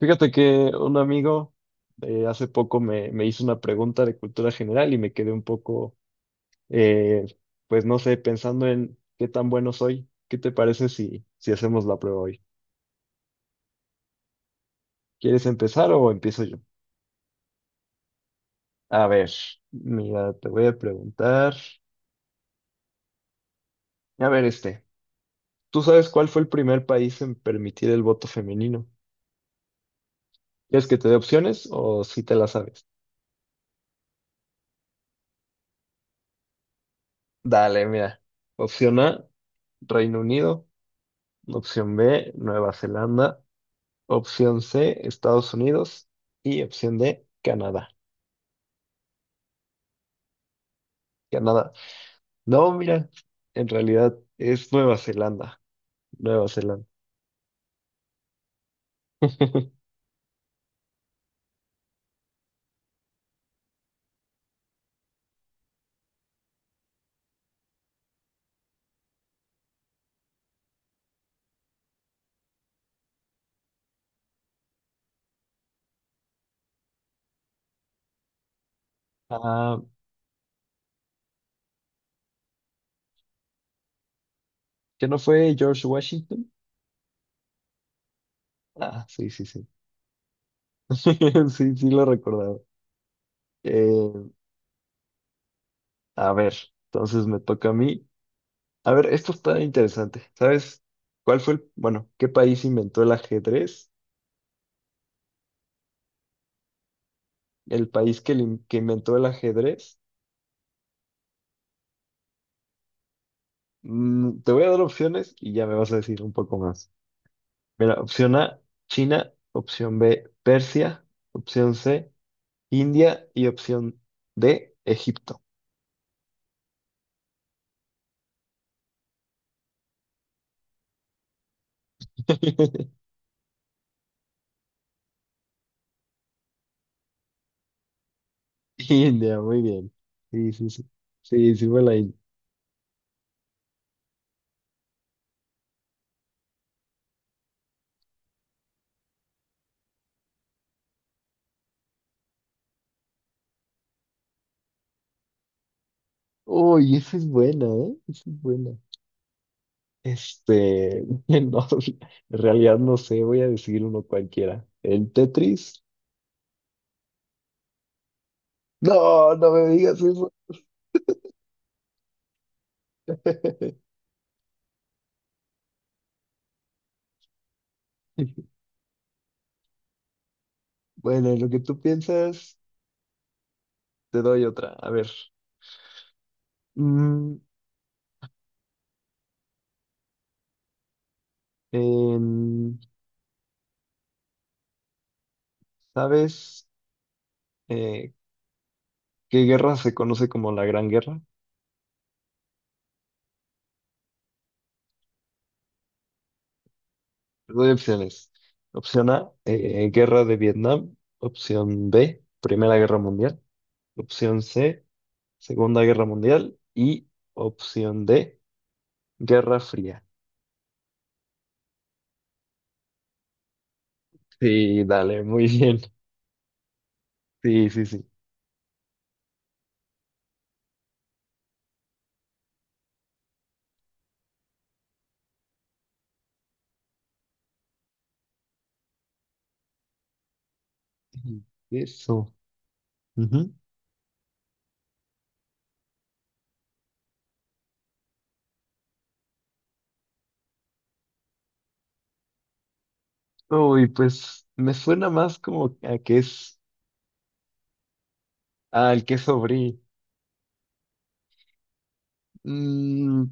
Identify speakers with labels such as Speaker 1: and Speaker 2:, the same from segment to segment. Speaker 1: Fíjate que un amigo hace poco me hizo una pregunta de cultura general y me quedé un poco, eh, pues no sé, pensando en qué tan bueno soy. ¿Qué te parece si hacemos la prueba hoy? ¿Quieres empezar o empiezo yo? A ver, mira, te voy a preguntar. A ver, este, ¿tú sabes cuál fue el primer país en permitir el voto femenino? ¿Quieres que te dé opciones o si te la sabes? Dale, mira. Opción A, Reino Unido. Opción B, Nueva Zelanda. Opción C, Estados Unidos. Y opción D, Canadá. Canadá. No, mira, en realidad es Nueva Zelanda. Nueva Zelanda. Ah, ¿que no fue George Washington? Ah, sí, sí, sí. Sí, sí lo recordaba. Eh, a ver, entonces me toca a mí. A ver, esto está interesante. ¿Sabes cuál fue bueno, qué país inventó el ajedrez? El país que inventó el ajedrez. Mm, te voy a dar opciones y ya me vas a decir un poco más. Mira, opción A, China, opción B, Persia, opción C, India y opción D, Egipto. India, muy bien. Sí, sí, sí. Sí, sí fue la India. Uy, esa es buena, ¿eh? Esa es buena. Este, no, en realidad no sé, voy a decir uno cualquiera. ¿El Tetris? No, no me digas eso. Bueno, en lo que tú piensas, te doy otra. A ver. Mm, en- ¿sabes? Eh, ¿Qué guerra se conoce como la Gran Guerra? Te doy opciones. Opción A, Guerra de Vietnam. Opción B, Primera Guerra Mundial. Opción C, Segunda Guerra Mundial. Y opción D, Guerra Fría. Sí, dale, muy bien. Sí, sí, sí. Eso. Ujú. Uy, pues me suena más como a que es al que es. Mm,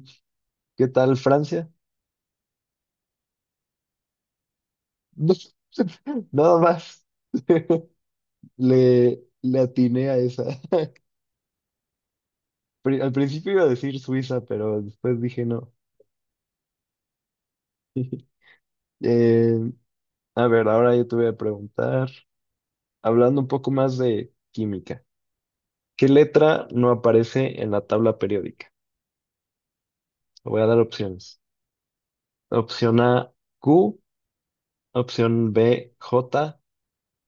Speaker 1: ¿qué tal Francia? nada más. Le atiné a esa. Al principio iba a decir Suiza, pero después dije no. Eh, a ver, ahora yo te voy a preguntar, hablando un poco más de química, ¿qué letra no aparece en la tabla periódica? Te voy a dar opciones. Opción A, Q, opción B, J,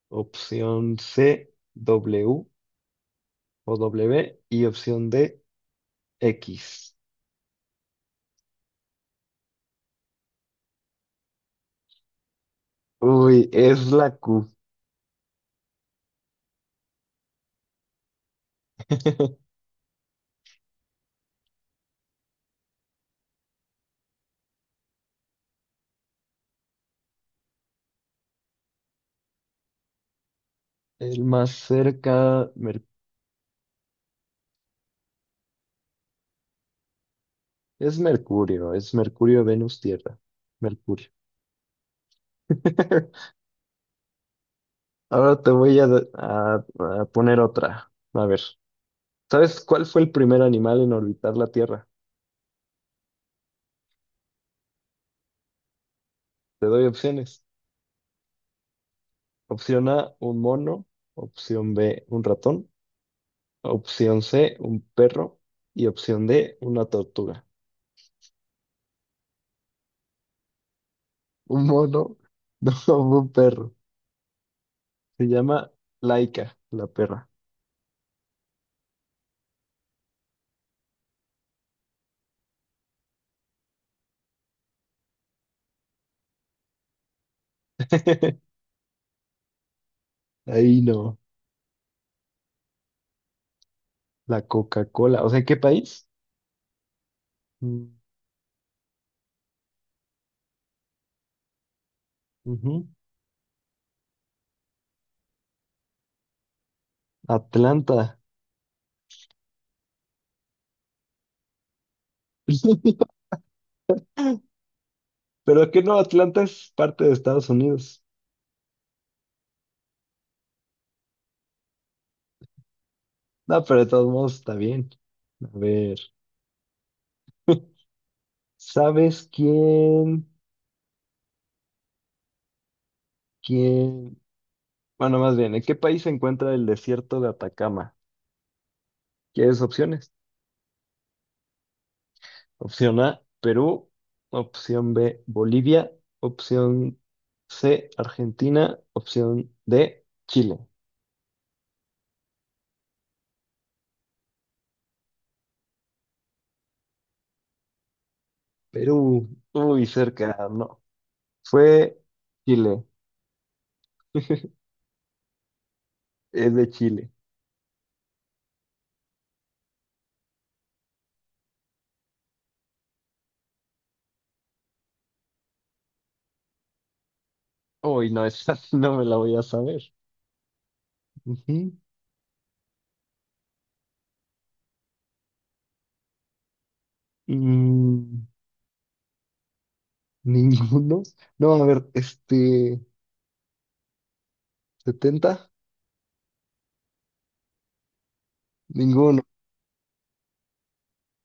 Speaker 1: opción C, W y opción D, X. Uy, es la Q. El más cerca, es Mercurio, es Mercurio, Venus, Tierra. Mercurio. Ahora te voy a, a- a poner otra. A ver, ¿sabes cuál fue el primer animal en orbitar la Tierra? Te doy opciones. Opción A, un mono. Opción B, un ratón. Opción C, un perro. Y opción D, una tortuga. Un mono, no, un perro. Se llama Laika, la perra. Ahí no, la Coca-Cola. O sea, ¿qué país? Mm, ujú. Atlanta. Pero que no, Atlanta es parte de Estados Unidos. No, pero de todos modos está bien. A ver, ¿sabes quién? ¿Quién? Bueno, más bien, ¿en qué país se encuentra el desierto de Atacama? ¿Quieres opciones? Opción A, Perú. Opción B, Bolivia. Opción C, Argentina. Opción D, Chile. Perú. Uy, cerca, no. Fue Chile. Es de Chile. Uy, no, esa sí no me la voy a saber. Ujú. Mm, ninguno. No, a ver, este, 70. Ninguno.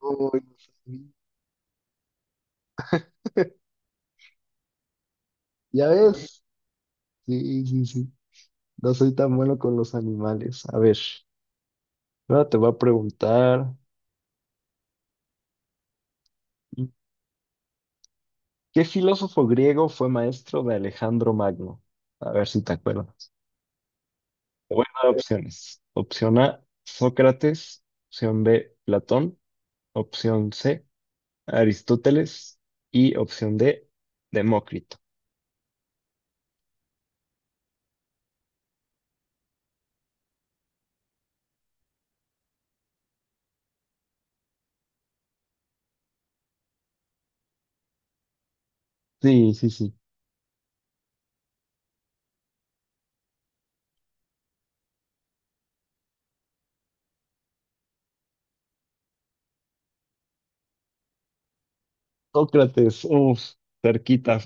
Speaker 1: Uy, no sabía. ¿Ya ves? Sí, sí, sí. No soy tan bueno con los animales. A ver, ahora te voy a preguntar, ¿qué filósofo griego fue maestro de Alejandro Magno? A ver si te acuerdas. Te voy a dar opciones. Opción A, Sócrates. Opción B, Platón. Opción C, Aristóteles y opción D, Demócrito. Sí, sí, sí. Sócrates, uff, cerquita.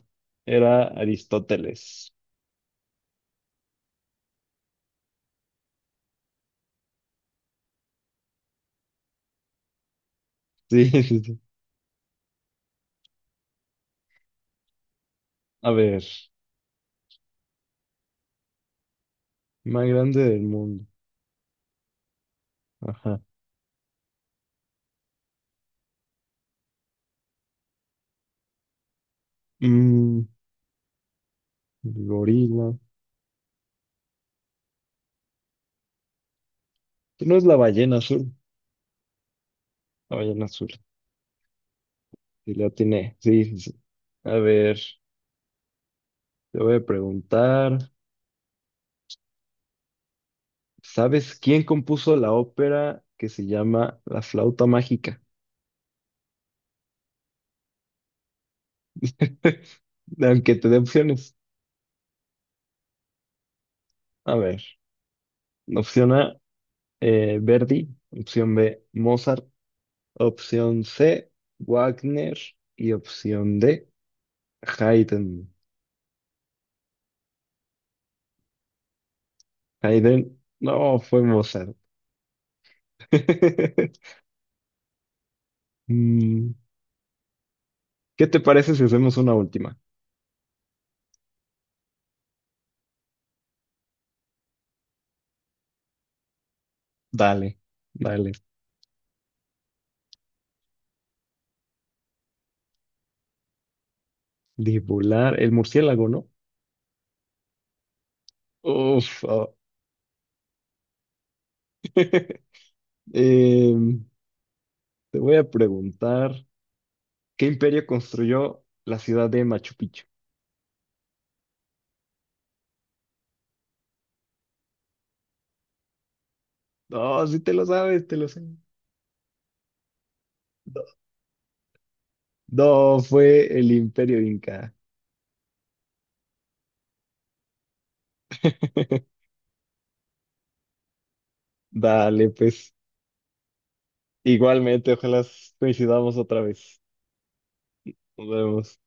Speaker 1: Era Aristóteles. Sí, sí, sí. A ver, más grande del mundo. Ajá. Mm, gorila. No es la ballena azul. La ballena azul. Sí, la tiene. Sí, sí, sí. A ver, te voy a preguntar. ¿Sabes quién compuso la ópera que se llama La flauta mágica? Aunque te dé opciones. A ver. Opción A, Verdi. Opción B, Mozart. Opción C, Wagner. Y opción D, Haydn. Haydn, no, fue Mozart. Mm, ¿qué te parece si hacemos una última? Dale, dale. Dibular, el murciélago, ¿no? Uf. Oh. Em, te voy a preguntar, ¿qué imperio construyó la ciudad de Machu Picchu? No, sí te lo sabes, te lo sé. No. No, fue el Imperio Inca. Dale, pues igualmente, ojalá coincidamos otra vez. Nos vemos.